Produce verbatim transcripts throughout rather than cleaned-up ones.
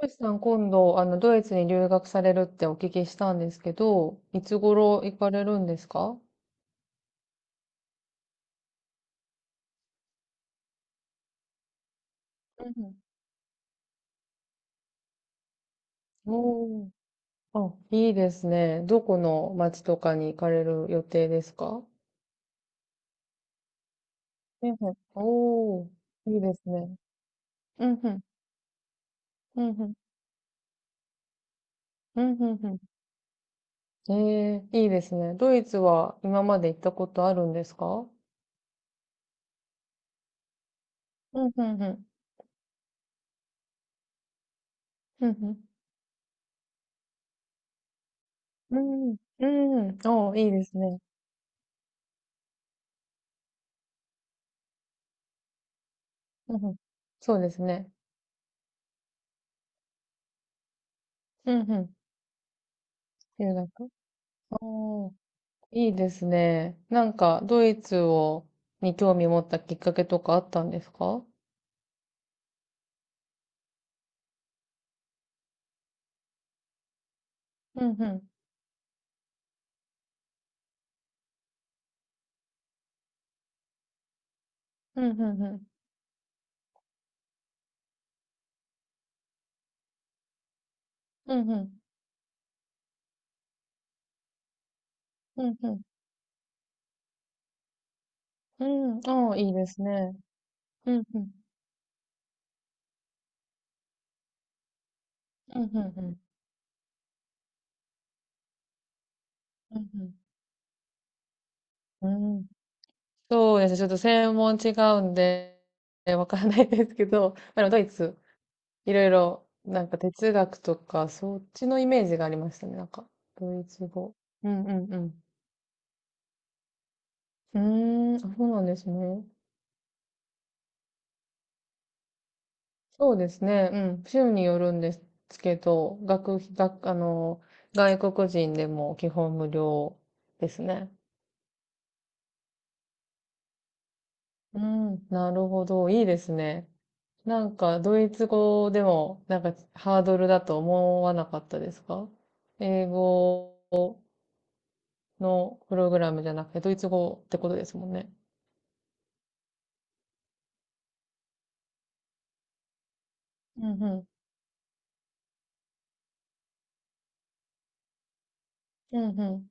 トシさん、今度、あの、ドイツに留学されるってお聞きしたんですけど、いつ頃行かれるんですか？うんおー。あ、いいですね。どこの町とかに行かれる予定ですか？うんうんおー、いいですね。うんうん、うんうん、うんうんうん。ええ、いいですね。ドイツは今まで行ったことあるんですか？うんうんうん、うんうん、うん、うん、おー、いいですね。うんうん、そうですね。うんうん、留学。おーいいですね。なんか、ドイツを、に興味持ったきっかけとかあったんですか？うんうん。うんうんうん。うんうん。うんうん。うん。ああ、いいですね。うんうん。うんうんうん。うんうん。うんそうですね。ちょっと専門違うんで、えわからないですけど、まあ、でもドイツ、いろいろ、なんか哲学とか、そっちのイメージがありましたね。なんか、ドイツ語。うんうんうん。うーん、あ、そうなんですね。そうですね。うん。州によるんですけど、学費、学、あの、外国人でも基本無料ですね。うん。なるほど。いいですね。なんか、ドイツ語でも、なんか、ハードルだと思わなかったですか？英語のプログラムじゃなくて、ドイツ語ってことですもんね。うんうん。うんうん。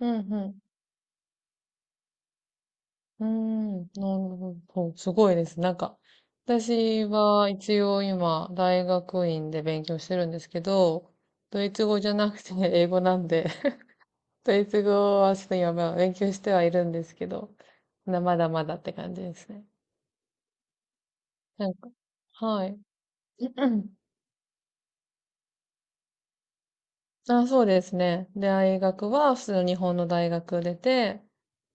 うんうん。うーん、なるほど。すごいです。なんか、私は一応今、大学院で勉強してるんですけど、ドイツ語じゃなくて英語なんで、ドイツ語はちょっと今、まあ勉強してはいるんですけど、なまだまだって感じですね。なんか、はい。あ、そうですね。で、大学は普通の日本の大学出て、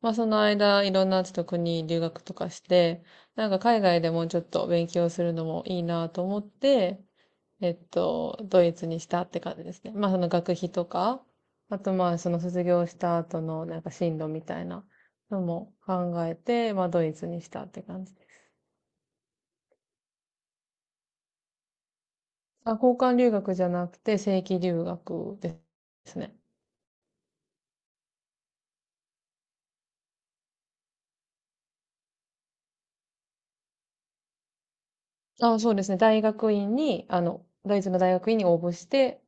まあその間いろんなちょっと国留学とかして、なんか海外でもうちょっと勉強するのもいいなと思って、えっと、ドイツにしたって感じですね。まあその学費とか、あとまあその卒業した後のなんか進路みたいなのも考えて、まあドイツにしたって感じです。あ、交換留学じゃなくて正規留学ですね。あ、そうですね。大学院に、あの、ドイツの大学院に応募して、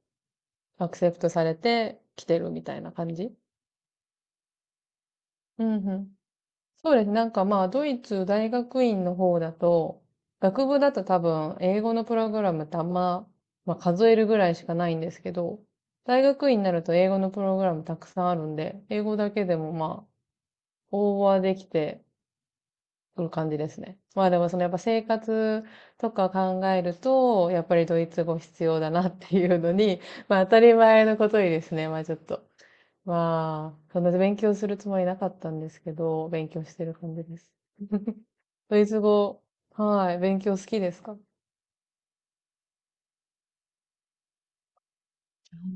アクセプトされて来てるみたいな感じ。うんうん。そうですね。なんかまあ、ドイツ大学院の方だと、学部だと多分、英語のプログラムってあんま、まあ、数えるぐらいしかないんですけど、大学院になると英語のプログラムたくさんあるんで、英語だけでもまあ、応募はできて、そういう感じですね。まあでもそのやっぱ生活とか考えると、やっぱりドイツ語必要だなっていうのに、まあ当たり前のことにですね、まあちょっと。まあ、そんな勉強するつもりなかったんですけど、勉強してる感じです。ドイツ語、はい、勉強好きですか？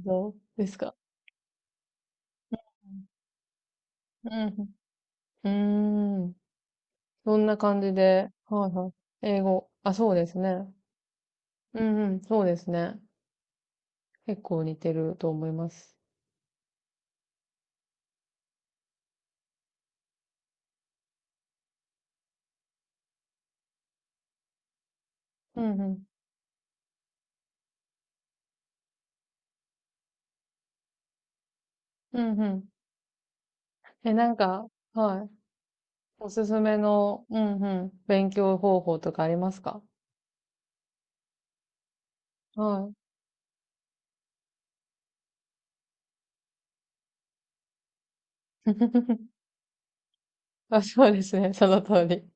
どうですか？うんうん。うーん。そんな感じで、はいはい。英語。あ、そうですね。うんうん、そうですね。結構似てると思います。うんうん。うんうん。え、なんか、はい。おすすめの、うんうん、勉強方法とかありますか？はい。あ、そうですね、その通り。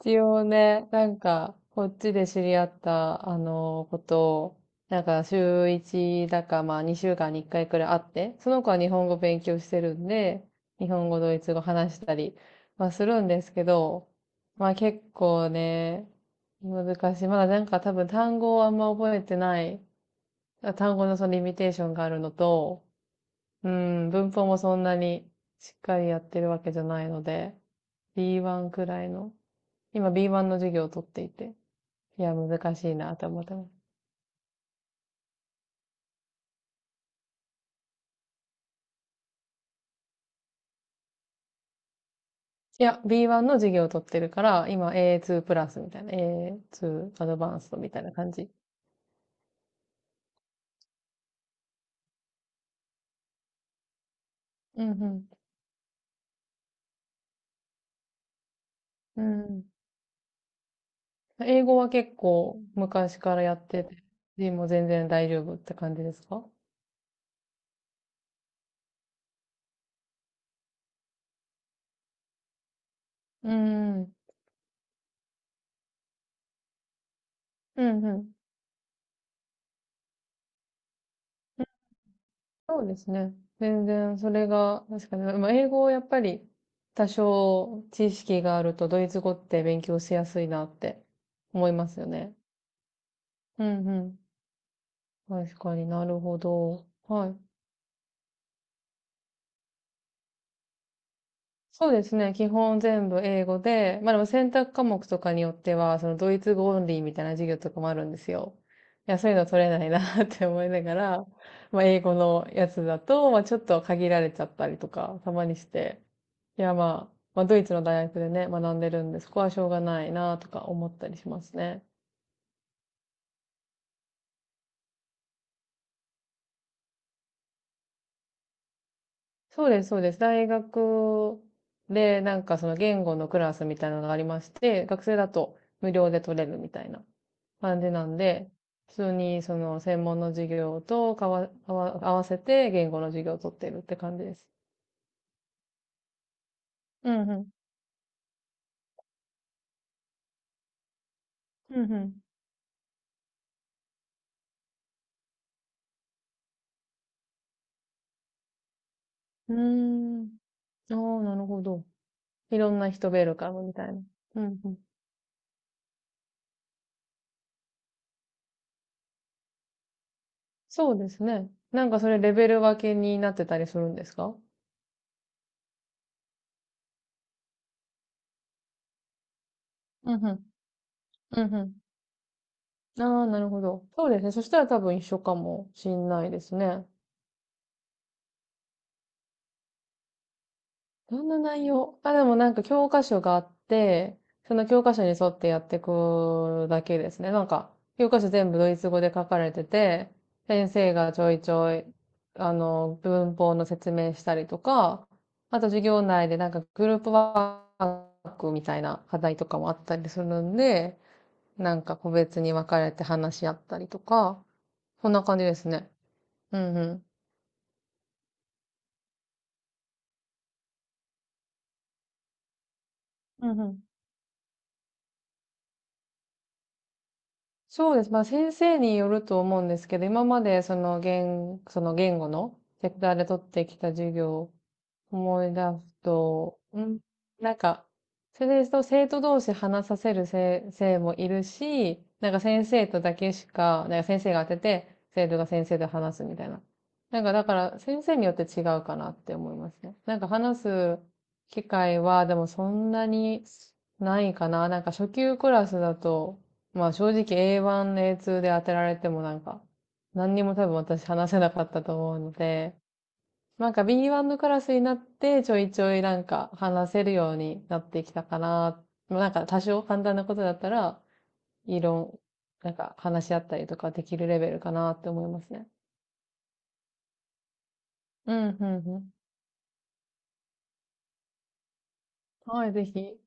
一応ね、なんか、こっちで知り合った、あの、ことを、なんか、週いちだか、まあ、にしゅうかんにいっかいくらい会って、その子は日本語勉強してるんで、日本語、ドイツ語話したりはするんですけど、まあ、結構ね、難しい。まだなんか多分単語をあんま覚えてない単語のそのリミテーションがあるのと、うん、文法もそんなにしっかりやってるわけじゃないので、ビーワン くらいの、今 ビーワン の授業を取っていて、いや、難しいなって思ってます。いや、ビーワン の授業を取ってるから、今 エーツー プラスみたいな、エーツー アドバンストみたいな感じ。うんうん。うん。英語は結構昔からやってて、でも全然大丈夫って感じですか？うん。うんうん。そうですね。全然それが、確かに、まあ、英語をやっぱり多少知識があるとドイツ語って勉強しやすいなって思いますよね。うんうん。確かになるほど。はい。そうですね。基本全部英語で、まあでも選択科目とかによっては、そのドイツ語オンリーみたいな授業とかもあるんですよ。いや、そういうの取れないな って思いながら、まあ英語のやつだと、まあちょっと限られちゃったりとか、たまにして。いや、まあ、まあドイツの大学でね、学んでるんで、そこはしょうがないなとか思ったりしますね。そうです、そうです。大学で、なんかその言語のクラスみたいなのがありまして、学生だと無料で取れるみたいな感じなんで、普通にその専門の授業とかわ、合わ合わせて言語の授業を取ってるって感じです。うんうん。うんうん。うーん。ああ、なるほど。いろんな人ベルカムみたいな。うんうん。そうですね。なんかそれレベル分けになってたりするんですか？うんうん。うんうん。ああ、なるほど。そうですね。そしたら多分一緒かもしんないですね。どんな内容あ、でもなんか教科書があって、その教科書に沿ってやっていくだけですね。なんか、教科書全部ドイツ語で書かれてて、先生がちょいちょい、あの、文法の説明したりとか、あと授業内でなんかグループワークみたいな課題とかもあったりするんで、なんか個別に分かれて話し合ったりとか、そんな感じですね。うんうん。うんうん。そうです。まあ先生によると思うんですけど、今までその言、その言語のセクターで取ってきた授業を思い出すと、うん、なんか、それですと生徒同士話させる先生もいるし、なんか先生とだけしか、なんか先生が当てて、生徒が先生と話すみたいな。なんかだから先生によって違うかなって思いますね。なんか話す機会はでもそんなにないかな。なんか初級クラスだと、まあ正直 エーワン、エーツー で当てられてもなんか、何にも多分私話せなかったと思うので、なんか ビーワン のクラスになってちょいちょいなんか話せるようになってきたかな。まあなんか多少簡単なことだったら、異論、なんか話し合ったりとかできるレベルかなって思いますね。うん、うん、うん。はい、ぜひ。